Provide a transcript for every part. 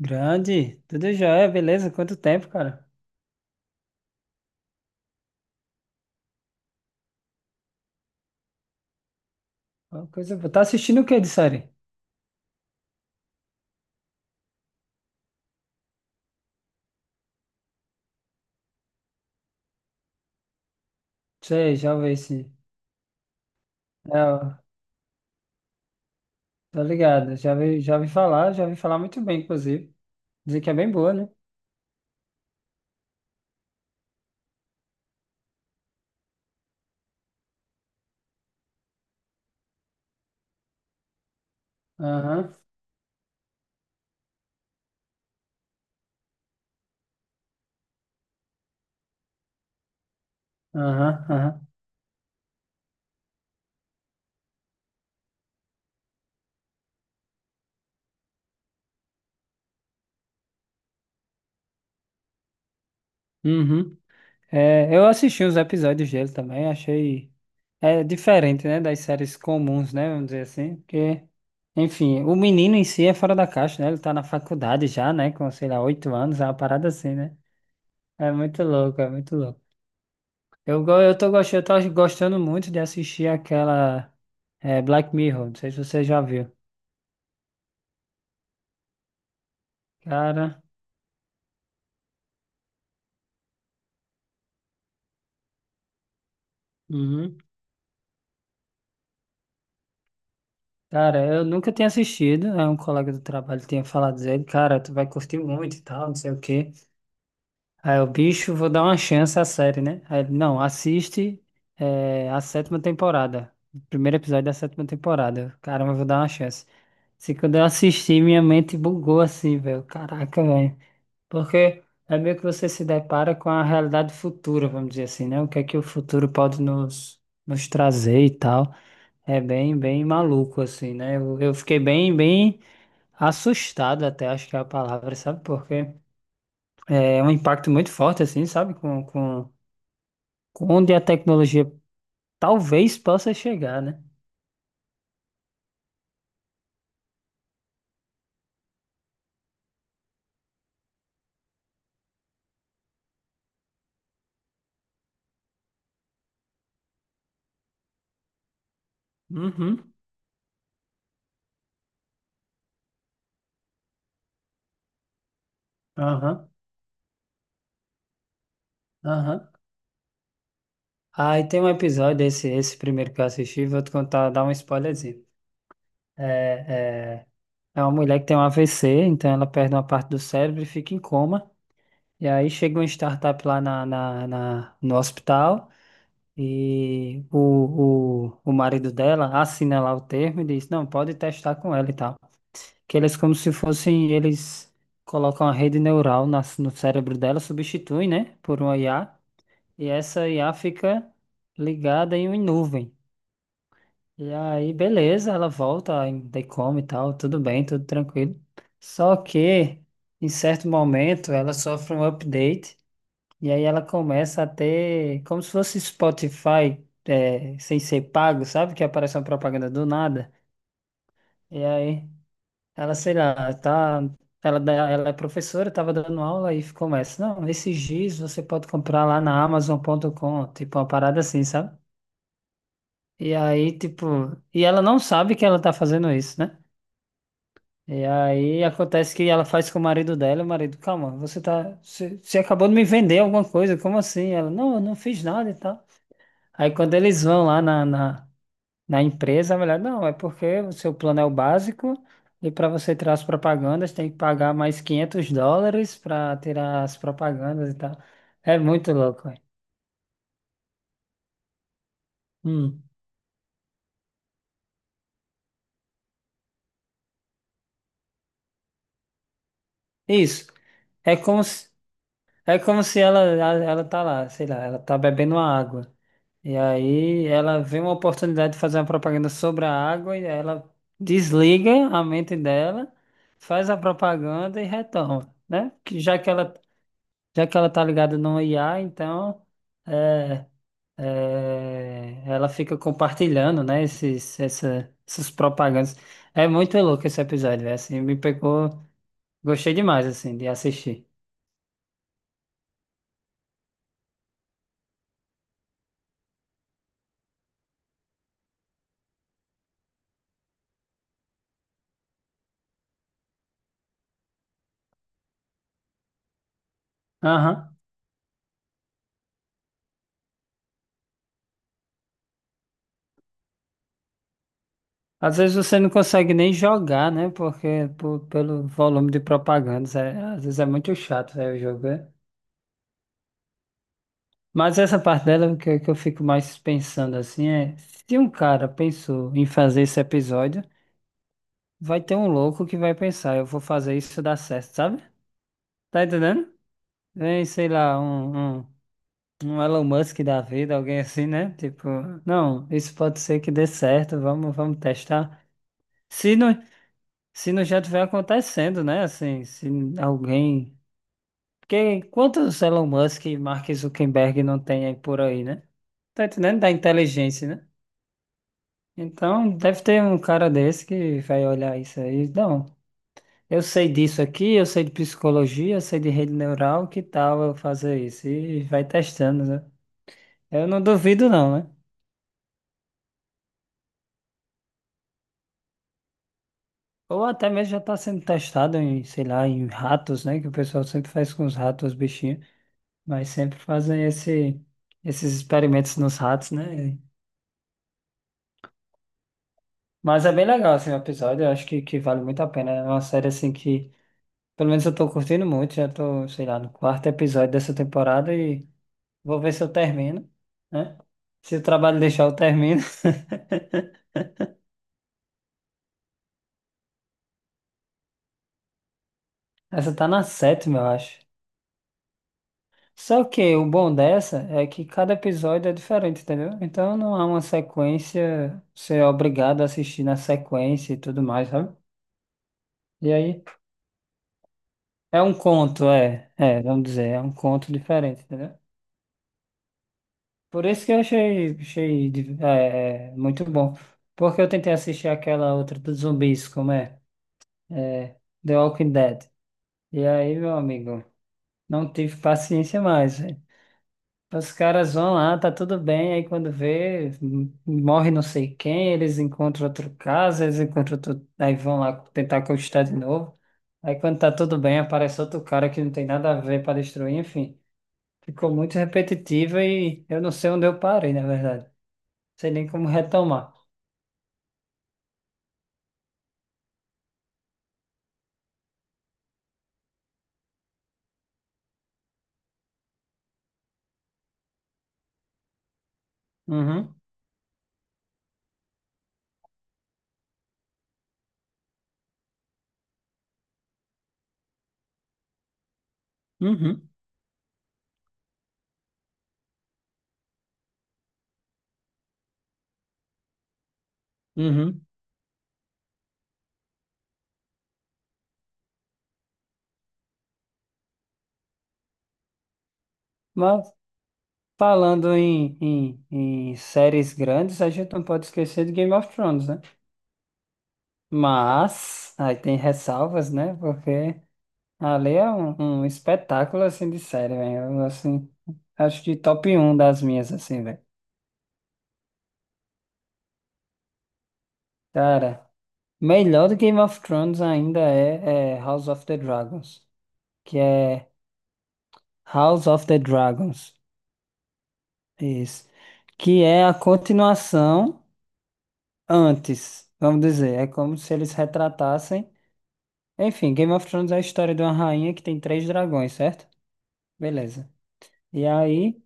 Grande, tudo jóia, beleza? Quanto tempo, cara? Uma coisa boa. Tá assistindo o que de série? Sei, já vi esse. É, ó, tô ligado, já vi falar muito bem, inclusive. Dizer que é bem boa, né? Aham, aham, aham. Uhum. É, eu assisti os episódios dele também, achei. É diferente, né, das séries comuns, né? Vamos dizer assim, porque. Enfim, o menino em si é fora da caixa, né? Ele tá na faculdade já, né? Com, sei lá, 8 anos, é uma parada assim, né? É muito louco, é muito louco. Eu tô gostando, eu tava gostando muito de assistir aquela Black Mirror, não sei se você já viu. Cara, uhum. Cara, eu nunca tinha assistido, aí um colega do trabalho tinha falado dele, cara, tu vai curtir muito e tal, não sei o quê. Aí o bicho, vou dar uma chance à série, né? Aí ele, não, assiste a sétima temporada, o primeiro episódio da sétima temporada. Caramba, eu vou dar uma chance. Se quando eu assisti, minha mente bugou assim, velho. Caraca, velho. Porque é meio que você se depara com a realidade futura, vamos dizer assim, né? O que é que o futuro pode nos trazer e tal. É bem, bem maluco, assim, né? Eu fiquei bem, bem assustado até, acho que é a palavra, sabe? Porque é um impacto muito forte, assim, sabe? Com onde a tecnologia talvez possa chegar, né? Uhum, aham, aham. Aí tem um episódio, esse primeiro que eu assisti, vou te contar, dar um spoilerzinho. É, é, É uma mulher que tem um AVC, então ela perde uma parte do cérebro e fica em coma. E aí chega uma startup lá no hospital e o marido dela assina lá o termo e diz, não, pode testar com ela e tal. Que eles como se fossem, eles colocam a rede neural no cérebro dela, substituem, né, por uma IA. E essa IA fica ligada em uma nuvem. E aí, beleza, ela volta, ainda come e tal, tudo bem, tudo tranquilo. Só que, em certo momento, ela sofre um update e aí ela começa a ter, como se fosse Spotify, sem ser pago, sabe? Que aparece uma propaganda do nada. E aí, ela, sei lá, tá, ela é professora, estava dando aula e começa, não, esse giz você pode comprar lá na Amazon.com, tipo uma parada assim, sabe? E aí, tipo, e ela não sabe que ela tá fazendo isso, né? E aí acontece que ela faz com o marido dela, o marido, calma, você tá, você acabou de me vender alguma coisa, como assim? Ela, não, eu não fiz nada e tal. Aí quando eles vão lá na empresa, a mulher, não, é porque o seu plano é o básico e para você tirar as propagandas tem que pagar mais US$ 500 para tirar as propagandas e tal. É muito louco, velho. Hum. Isso. É como se, é como se ela tá lá, sei lá, ela tá bebendo uma água. E aí ela vê uma oportunidade de fazer uma propaganda sobre a água e ela desliga a mente dela, faz a propaganda e retorna, né? Que já que ela tá ligada no IA, então é, ela fica compartilhando, né? Essas propagandas. É muito louco esse episódio, velho. Assim, me pegou, gostei demais assim de assistir. Aham. Às vezes você não consegue nem jogar, né? Porque pelo volume de propagandas, às vezes é muito chato, né, o jogo. É. Mas essa parte dela que, que eu fico mais pensando assim é, se um cara pensou em fazer esse episódio, vai ter um louco que vai pensar, eu vou fazer isso dar certo, sabe? Tá entendendo? Vem, sei lá, um Elon Musk da vida, alguém assim, né? Tipo, não, isso pode ser que dê certo, vamos testar. Se não, se não já tiver acontecendo, né? Assim, se alguém. Porque quantos Elon Musk e Mark Zuckerberg não tem aí por aí, né? Tá entendendo? Da inteligência, né? Então, deve ter um cara desse que vai olhar isso aí. Não, eu sei disso aqui, eu sei de psicologia, eu sei de rede neural, que tal eu fazer isso? E vai testando, né? Eu não duvido não, né? Ou até mesmo já está sendo testado em, sei lá, em ratos, né? Que o pessoal sempre faz com os ratos, os bichinhos. Mas sempre fazem esses experimentos nos ratos, né? Mas é bem legal, assim, o episódio. Eu acho que vale muito a pena, né? É uma série, assim, que pelo menos eu tô curtindo muito. Já tô, sei lá, no quarto episódio dessa temporada e vou ver se eu termino, né? Se o trabalho deixar, eu termino. Essa tá na sétima, eu acho. Só que o bom dessa é que cada episódio é diferente, entendeu? Então não há uma sequência, você é obrigado a assistir na sequência e tudo mais, sabe? E aí é um conto, vamos dizer, é um conto diferente, entendeu? Por isso que eu achei muito bom. Porque eu tentei assistir aquela outra dos zumbis, como é? É, The Walking Dead. E aí, meu amigo, não tive paciência mais, velho. Os caras vão lá, tá tudo bem, aí quando vê, morre não sei quem, eles encontram outro caso, eles encontram outro... Aí vão lá tentar conquistar de novo. Aí quando tá tudo bem, aparece outro cara que não tem nada a ver para destruir, enfim. Ficou muito repetitiva e eu não sei onde eu parei, na verdade. Sei nem como retomar. Uhum, uhum, uhum. Mas falando em séries grandes, a gente não pode esquecer de Game of Thrones, né? Mas aí tem ressalvas, né? Porque ali é um espetáculo assim de série, velho. Assim, acho de top um das minhas, assim, velho. Cara, melhor do Game of Thrones ainda é House of the Dragons, que é House of the Dragons. Isso. Que é a continuação. Antes, vamos dizer. É como se eles retratassem. Enfim, Game of Thrones é a história de uma rainha que tem três dragões, certo? Beleza. E aí,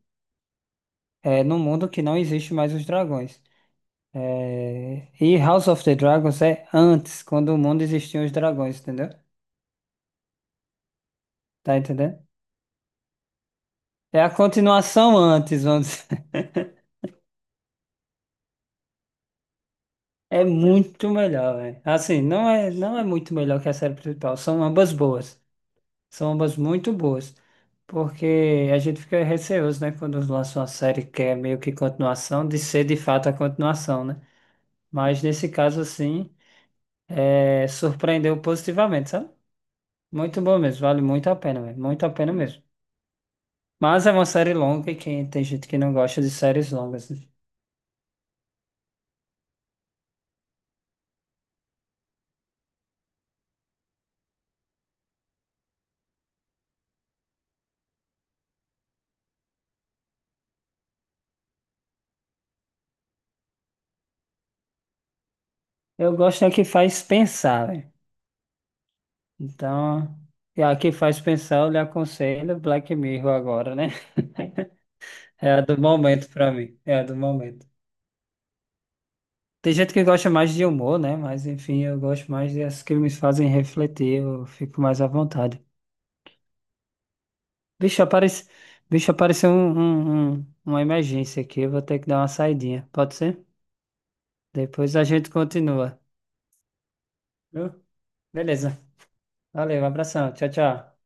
é no mundo que não existe mais os dragões. É, e House of the Dragons é antes, quando o mundo existiam os dragões, entendeu? Tá entendendo? É a continuação antes, vamos dizer. É muito melhor, velho. Assim, não é muito melhor que a série principal, são ambas boas. São ambas muito boas, porque a gente fica receoso, né, quando lança uma série que é meio que continuação, de ser de fato a continuação, né? Mas nesse caso, assim, surpreendeu positivamente, sabe? Muito bom mesmo, vale muito a pena, velho, muito a pena mesmo. Mas é uma série longa e quem, tem gente que não gosta de séries longas, né? Eu gosto é que faz pensar, velho. Então, e a que faz pensar, eu lhe aconselho Black Mirror agora, né? É a do momento pra mim, é a do momento. Tem gente que gosta mais de humor, né? Mas enfim, eu gosto mais dessas que me fazem refletir, eu fico mais à vontade. Bicho, aparece... Bicho, apareceu uma emergência aqui, eu vou ter que dar uma saidinha, pode ser? Depois a gente continua, viu? Beleza. Valeu, um abração, tchau, tchau.